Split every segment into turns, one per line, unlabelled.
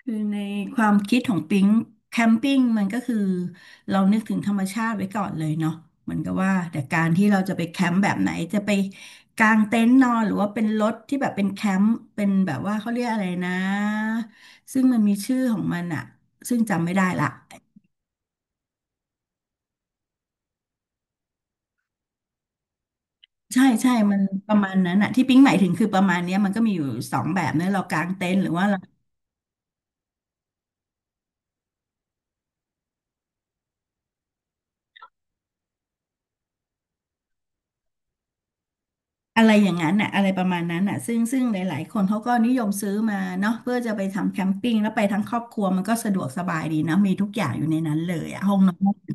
คือในความคิดของปิ๊งแคมปิ้งมันก็คือเรานึกถึงธรรมชาติไว้ก่อนเลยเนาะเหมือนกับว่าแต่การที่เราจะไปแคมป์แบบไหนจะไปกางเต็นท์นอนหรือว่าเป็นรถที่แบบเป็นแคมป์เป็นแบบว่าเขาเรียกอะไรนะซึ่งมันมีชื่อของมันอะซึ่งจำไม่ได้ละใช่ใช่มันประมาณนั้นอะที่ปิ๊งหมายถึงคือประมาณเนี้ยมันก็มีอยู่สองแบบนะเรากางเต็นท์หรือว่า อะไรอย่างนั้นน่ะอะไรประมาณนั้นน่ะซึ่งหลายๆคนเขาก็นิยมซื้อมาเนาะเพื่อจะไปทำแคมปิ้งแล้วไปทั้งครอบครัวมันก็สะดวกสบายดีนะมีทุกอย่างอยู่ในนั้นเลยอะห้องนอน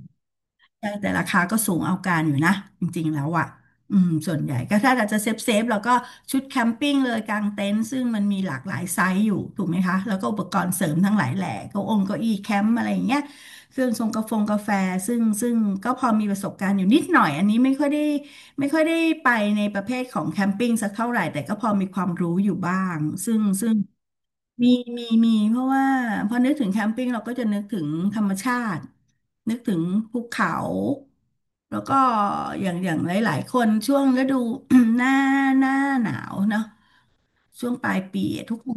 ใช่แต่ราคาก็สูงเอาการอยู่นะจริงๆแล้วอ่ะอืมส่วนใหญ่ก็ถ้าเราจะเซฟเราก็ชุดแคมปิ้งเลยกางเต็นท์ซึ่งมันมีหลากหลายไซส์อยู่ถูกไหมคะแล้วก็อุปกรณ์เสริมทั้งหลายแหล่เก้าองเก้าอี้แคมป์อะไรอย่างเงี้ยเครื่องทรงกาแฟงกาแฟซึ่งก็พอมีประสบการณ์อยู่นิดหน่อยอันนี้ไม่ค่อยได้ไปในประเภทของแคมปิ้งสักเท่าไหร่แต่ก็พอมีความรู้อยู่บ้างซึ่ง มีมีเพราะว่าพอนึกถึงแคมปิ้งเราก็จะนึกถึงธรรมชาตินึกถึงภูเขาแล้วก็อย่างหลายๆคนช่วงฤดู หน้าหน้าหนาวเนาะช่วงปลายปีทุกค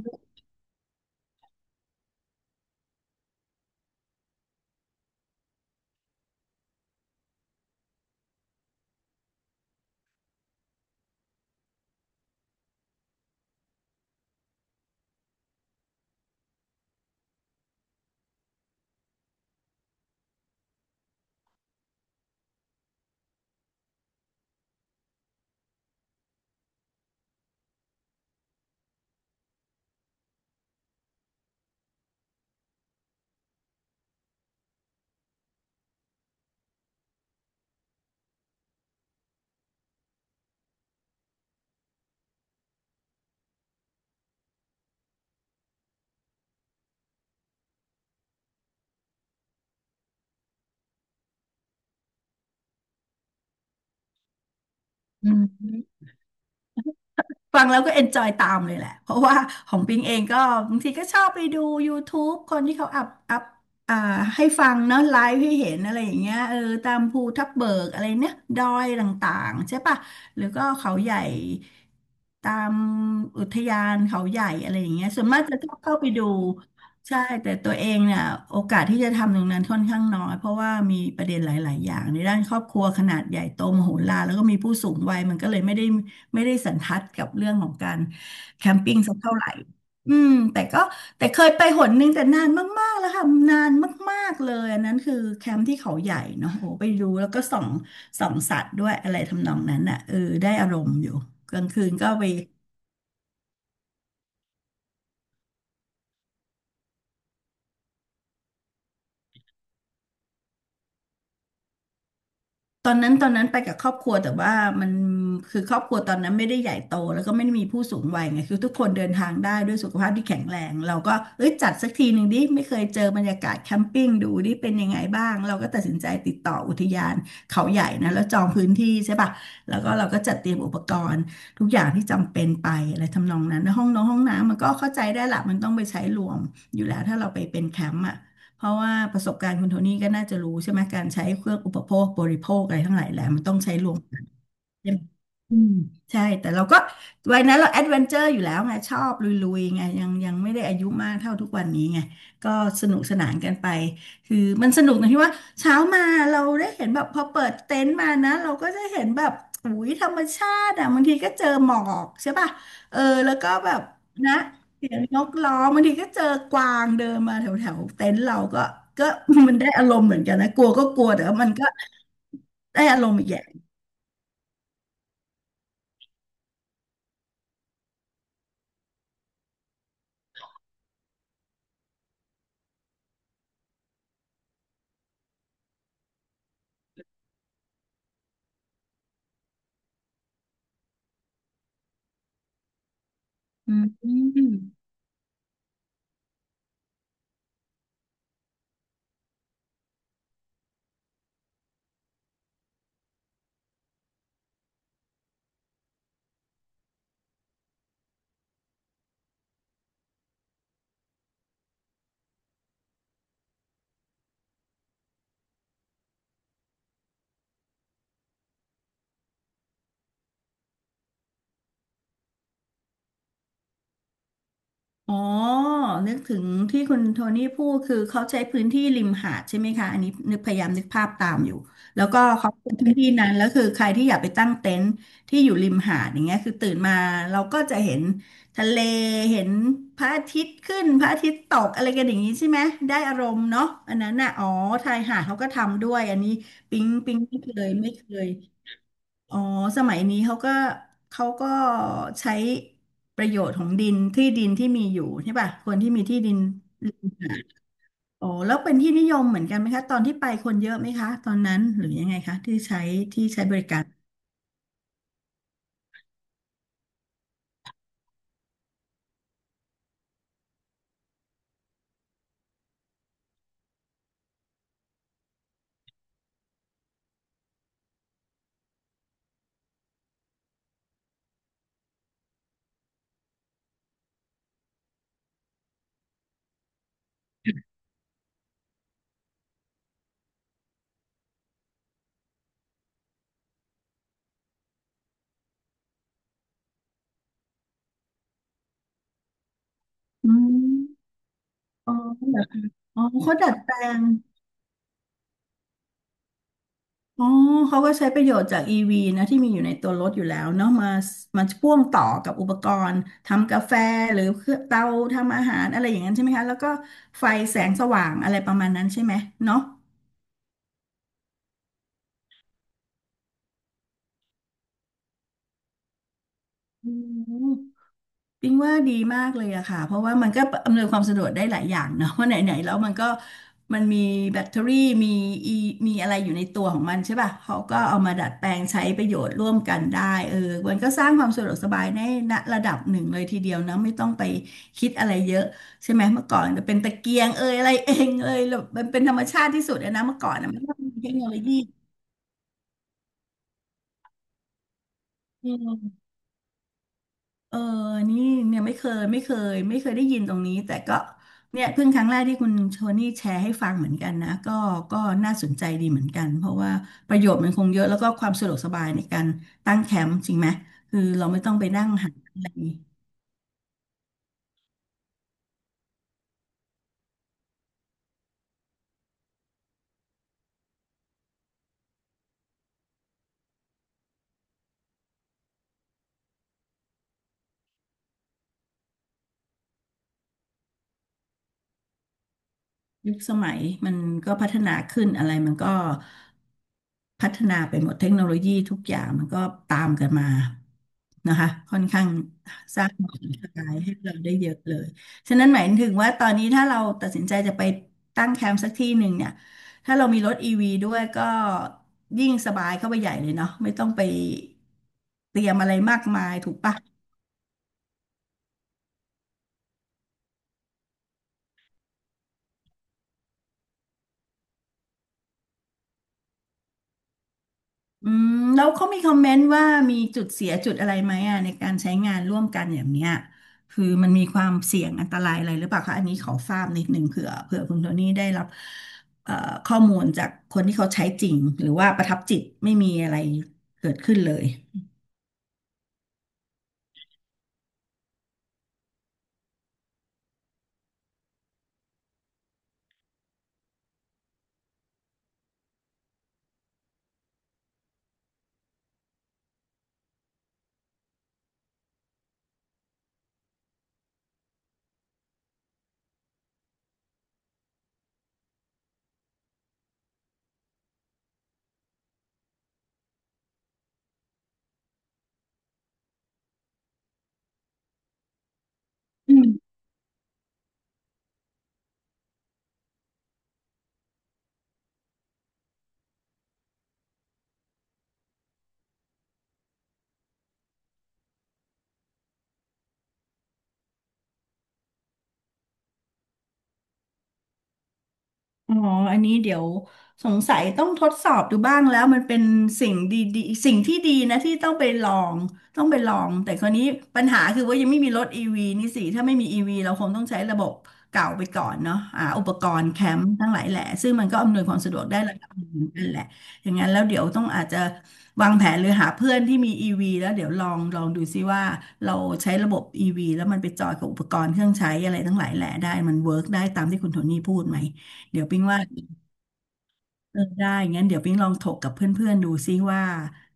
น ฟังแล้วก็เอนจอยตามเลยแหละ เพราะว่าของปิงเองก็บางทีก็ชอบไปดู YouTube คนที่เขาอัพอ่าให้ฟังเนาะไลฟ์ให้เห็นอะไรอย่างเงี้ยเออตามภูทับเบิกอะไรเนี่ยดอยต่างๆใช่ปะหรือก็เขาใหญ่ตามอุทยานเขาใหญ่อะไรอย่างเงี้ยส่วนมากจะชอบเข้าไปดูใช่แต่ตัวเองเนี่ยโอกาสที่จะทำตรงนั้นค่อนข้างน้อยเพราะว่ามีประเด็นหลายๆอย่างในด้านครอบครัวขนาดใหญ่โตมโหฬารแล้วก็มีผู้สูงวัยมันก็เลยไม่ได้ ไม่ได้สันทัดกับเรื่องของการแคมปิ้งสักเท่าไหร่อืมแต่ก็แต่เคยไปหนนึงแต่นานมากๆแล้วค่ะ นานมากๆเลยอันนั้นคือแคมป์ที่เขาใหญ่เนาะโอ้ไปดูแล้วก็ส่องสัตว์ด้วยอะไรทำนองนั้นอ่ะเออได้อารมณ์อยู่กลางคืนก็ไป ตอนนั้นไปกับครอบครัวแต่ว่ามันคือครอบครัวตอนนั้นไม่ได้ใหญ่โตแล้วก็ไม่ได้มีผู้สูงวัยไงคือทุกคนเดินทางได้ด้วยสุขภาพที่แข็งแรงเราก็เอ้ยจัดสักทีหนึ่งดิไม่เคยเจอบรรยากาศแคมปิ้งดูดิเป็นยังไงบ้างเราก็ตัดสินใจติดต่ออุทยานเขาใหญ่นะแล้วจองพื้นที่ใช่ป่ะแล้วก็เราก็จัดเตรียมอุปกรณ์ทุกอย่างที่จำเป็นไปอะไรทำนองนั้นนะห้องน้องห้องน้ำมันก็เข้าใจได้ละมันต้องไปใช้รวมอยู่แล้วถ้าเราไปเป็นแคมป์อ่ะ เพราะว่าประสบการณ์คุณโทนี่ก็น่าจะรู้ใช่ไหมการใช้เครื่องอุปโภคบริโภคอะไรทั้งหลายแหละมันต้องใช้รวมใช่ อืมใช่แต่เราก็วัยนั้นเราแอดเวนเจอร์อยู่แล้วไงชอบลุยๆไงยังไม่ได้อายุมากเท่าทุกวันนี้ไงก็สนุกสนานกันไปคือมันสนุกตรงที่ว่าเช้ามาเราได้เห็นแบบพอเปิดเต็นท์มานะเราก็จะเห็นแบบอุ้ยธรรมชาติอ่ะบางทีก็เจอหมอกใช่ป่ะเออแล้วก็แบบนะเสียงนกร้องบางทีก็เจอกวางเดินมาแถวแถวเต็นท์เราก็ก็ มันได้อารมณ์เหมือนกันนะกลัวก็กลัวแต่ว่ามันก็ได้อารมณ์อีกอย่างอืม อ๋อนึกถึงที่คุณโทนี่พูดคือเขาใช้พื้นที่ริมหาดใช่ไหมคะอันนี้นึกพยายามนึกภาพตามอยู่แล้วก็เขาเป็นพื้นที่นั้นแล้วคือใครที่อยากไปตั้งเต็นท์ที่อยู่ริมหาดอย่างเงี้ยคือตื่นมาเราก็จะเห็นทะเลเห็นพระอาทิตย์ขึ้นพระอาทิตย์ตกอะไรกันอย่างนี้ใช่ไหมได้อารมณ์เนาะอันนั้นน่ะอ๋อชายหาดเขาก็ทำด้วยอันนี้ปิ๊งไม่เคย อ๋อสมัยนี้เขาก็เขาก็ใช้ประโยชน์ของดินที่ดินที่มีอยู่ใช่ป่ะคนที่มีที่ดินริมหาดอ๋อแล้วเป็นที่นิยมเหมือนกันไหมคะตอนที่ไปคนเยอะไหมคะตอนนั้นหรือยังไงคะที่ใช้ที่ใช้บริการอืมอ๋อเหรออ๋อเขาดัดแปลง อ๋อ เขาก็ใช้ประโยชน์จาก EV นะที่มีอยู่ในตัวรถอยู่แล้วเนาะมามาพ่วงต่อกับอุปกรณ์ทำกาแฟหรือเครื่องเตาทำอาหารอะไรอย่างนั้นใช่ไหมคะแล้วก็ไฟแสงสว่างอะไรประมาณนั้นใช่ไหมเนาะอืม ปิงว่าดีมากเลยอะค่ะเพราะว่ามันก็อำนวยความสะดวกได้หลายอย่างเนาะ ว่าะไหนๆแล้วมันก็มันมีแบตเตอรี่มีอีมีอะไรอยู่ในตัวของมันใช่ป่ะเขาก็เอามาดัดแปลงใช้ประโยชน์ร่วมกันได้เออมันก็สร้างความสะดวกสบายในณระดับหนึ่งเลยทีเดียวนะไม่ต้องไปคิดอะไรเยอะใช่ไหมเมื่อก่อนจะเป็นตะเกียงเอยอะไรเองเอยแล้วมันเป็นธรรมชาติที่สุดอะนะเมื่อก่อนอะมันไม่ต้องมีเทคโนโลยี เออนี่เนี่ยไม่เคยไม่เคยไม่เคยได้ยินตรงนี้แต่ก็เนี่ยเพิ่งครั้งแรกที่คุณโทนี่แชร์ให้ฟังเหมือนกันนะก็ก็น่าสนใจดีเหมือนกันเพราะว่าประโยชน์มันคงเยอะแล้วก็ความสะดวกสบายในการตั้งแคมป์จริงไหมคือเราไม่ต้องไปนั่งหาอะไร ยุคสมัยมันก็พัฒนาขึ้นอะไรมันก็พัฒนาไปหมดเทคโนโลยีทุกอย่างมันก็ตามกันมานะคะค่อนข้างสร้างความท้าทายให้เราได้เยอะเลยฉะนั้นหมายถึงว่าตอนนี้ถ้าเราตัดสินใจจะไปตั้งแคมป์สักที่หนึ่งเนี่ยถ้าเรามีรถอีวีด้วยก็ยิ่งสบายเข้าไปใหญ่เลยเนาะไม่ต้องไปเตรียมอะไรมากมายถูกปะ อืมแล้วเขามีคอมเมนต์ว่ามีจุดเสียจุดอะไรไหมอ่ะในการใช้งานร่วมกันอย่างเนี้ยคือมันมีความเสี่ยงอันตรายอะไรหรือเปล่าคะอันนี้ขอทราบนิดนึงเผื่อเผื่อคุณโทนี่ได้รับเอ่อข้อมูลจากคนที่เขาใช้จริงหรือว่าประทับจิตไม่มีอะไรเกิดขึ้นเลย อ๋ออันนี้เดี๋ยวสงสัยต้องทดสอบดูบ้างแล้วมันเป็นสิ่งดีๆสิ่งที่ดีนะที่ต้องไปลองต้องไปลองแต่คราวนี้ปัญหาคือว่ายังไม่มีรถอีวีนี่สิถ้าไม่มีอีวีเราคงต้องใช้ระบบเก่าไปก่อนเนาะอ่าอุปกรณ์แคมป์ทั้งหลายแหละซึ่งมันก็อำนวยความสะดวกได้ระดับหนึ่งนั่นแหละอย่างนั้นแล้วเดี๋ยวต้องอาจจะวางแผนหรือหาเพื่อนที่มีอีวีแล้วเดี๋ยวลองลองดูซิว่าเราใช้ระบบอีวีแล้วมันไปจอยกับอุปกรณ์เครื่องใช้อะไรทั้งหลายแหละได้มันเวิร์กได้ตามที่คุณโทนี่พูดไหม เดี๋ยวปิ๊งว่าเออได้งั้นเดี๋ยวปิ๊งลองถกกับเพื่อนๆดูซิว่า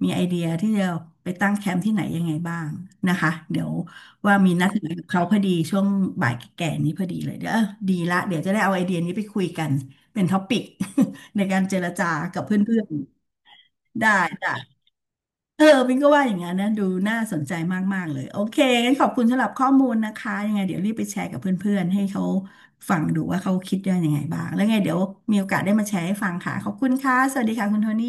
มีไอเดียที่จะไปตั้งแคมป์ที่ไหนยังไงบ้างนะคะเดี๋ยวว่ามีนัดหมายกับเขาพอดีช่วงบ่ายแก่ๆนี้พอดีเลยเดี๋ยวดีละเดี๋ยวจะได้เอาไอเดียนี้ไปคุยกันเป็นท็อปิก ในการเจรจากับเพื่อนๆได้ได้ เออปิงก็ว่าอย่างนั้นนะดูน่าสนใจมากๆเลยโอเคงั้นขอบคุณสำหรับข้อมูลนะคะยังไงเดี๋ยวรีบไปแชร์กับเพื่อนๆให้เขาฟังดูว่าเขาคิดได้ยังไงบ้างแล้วไงเดี๋ยวมีโอกาสได้มาแชร์ให้ฟังค่ะขอบคุณค่ะสวัสดีค่ะคุณโทนี่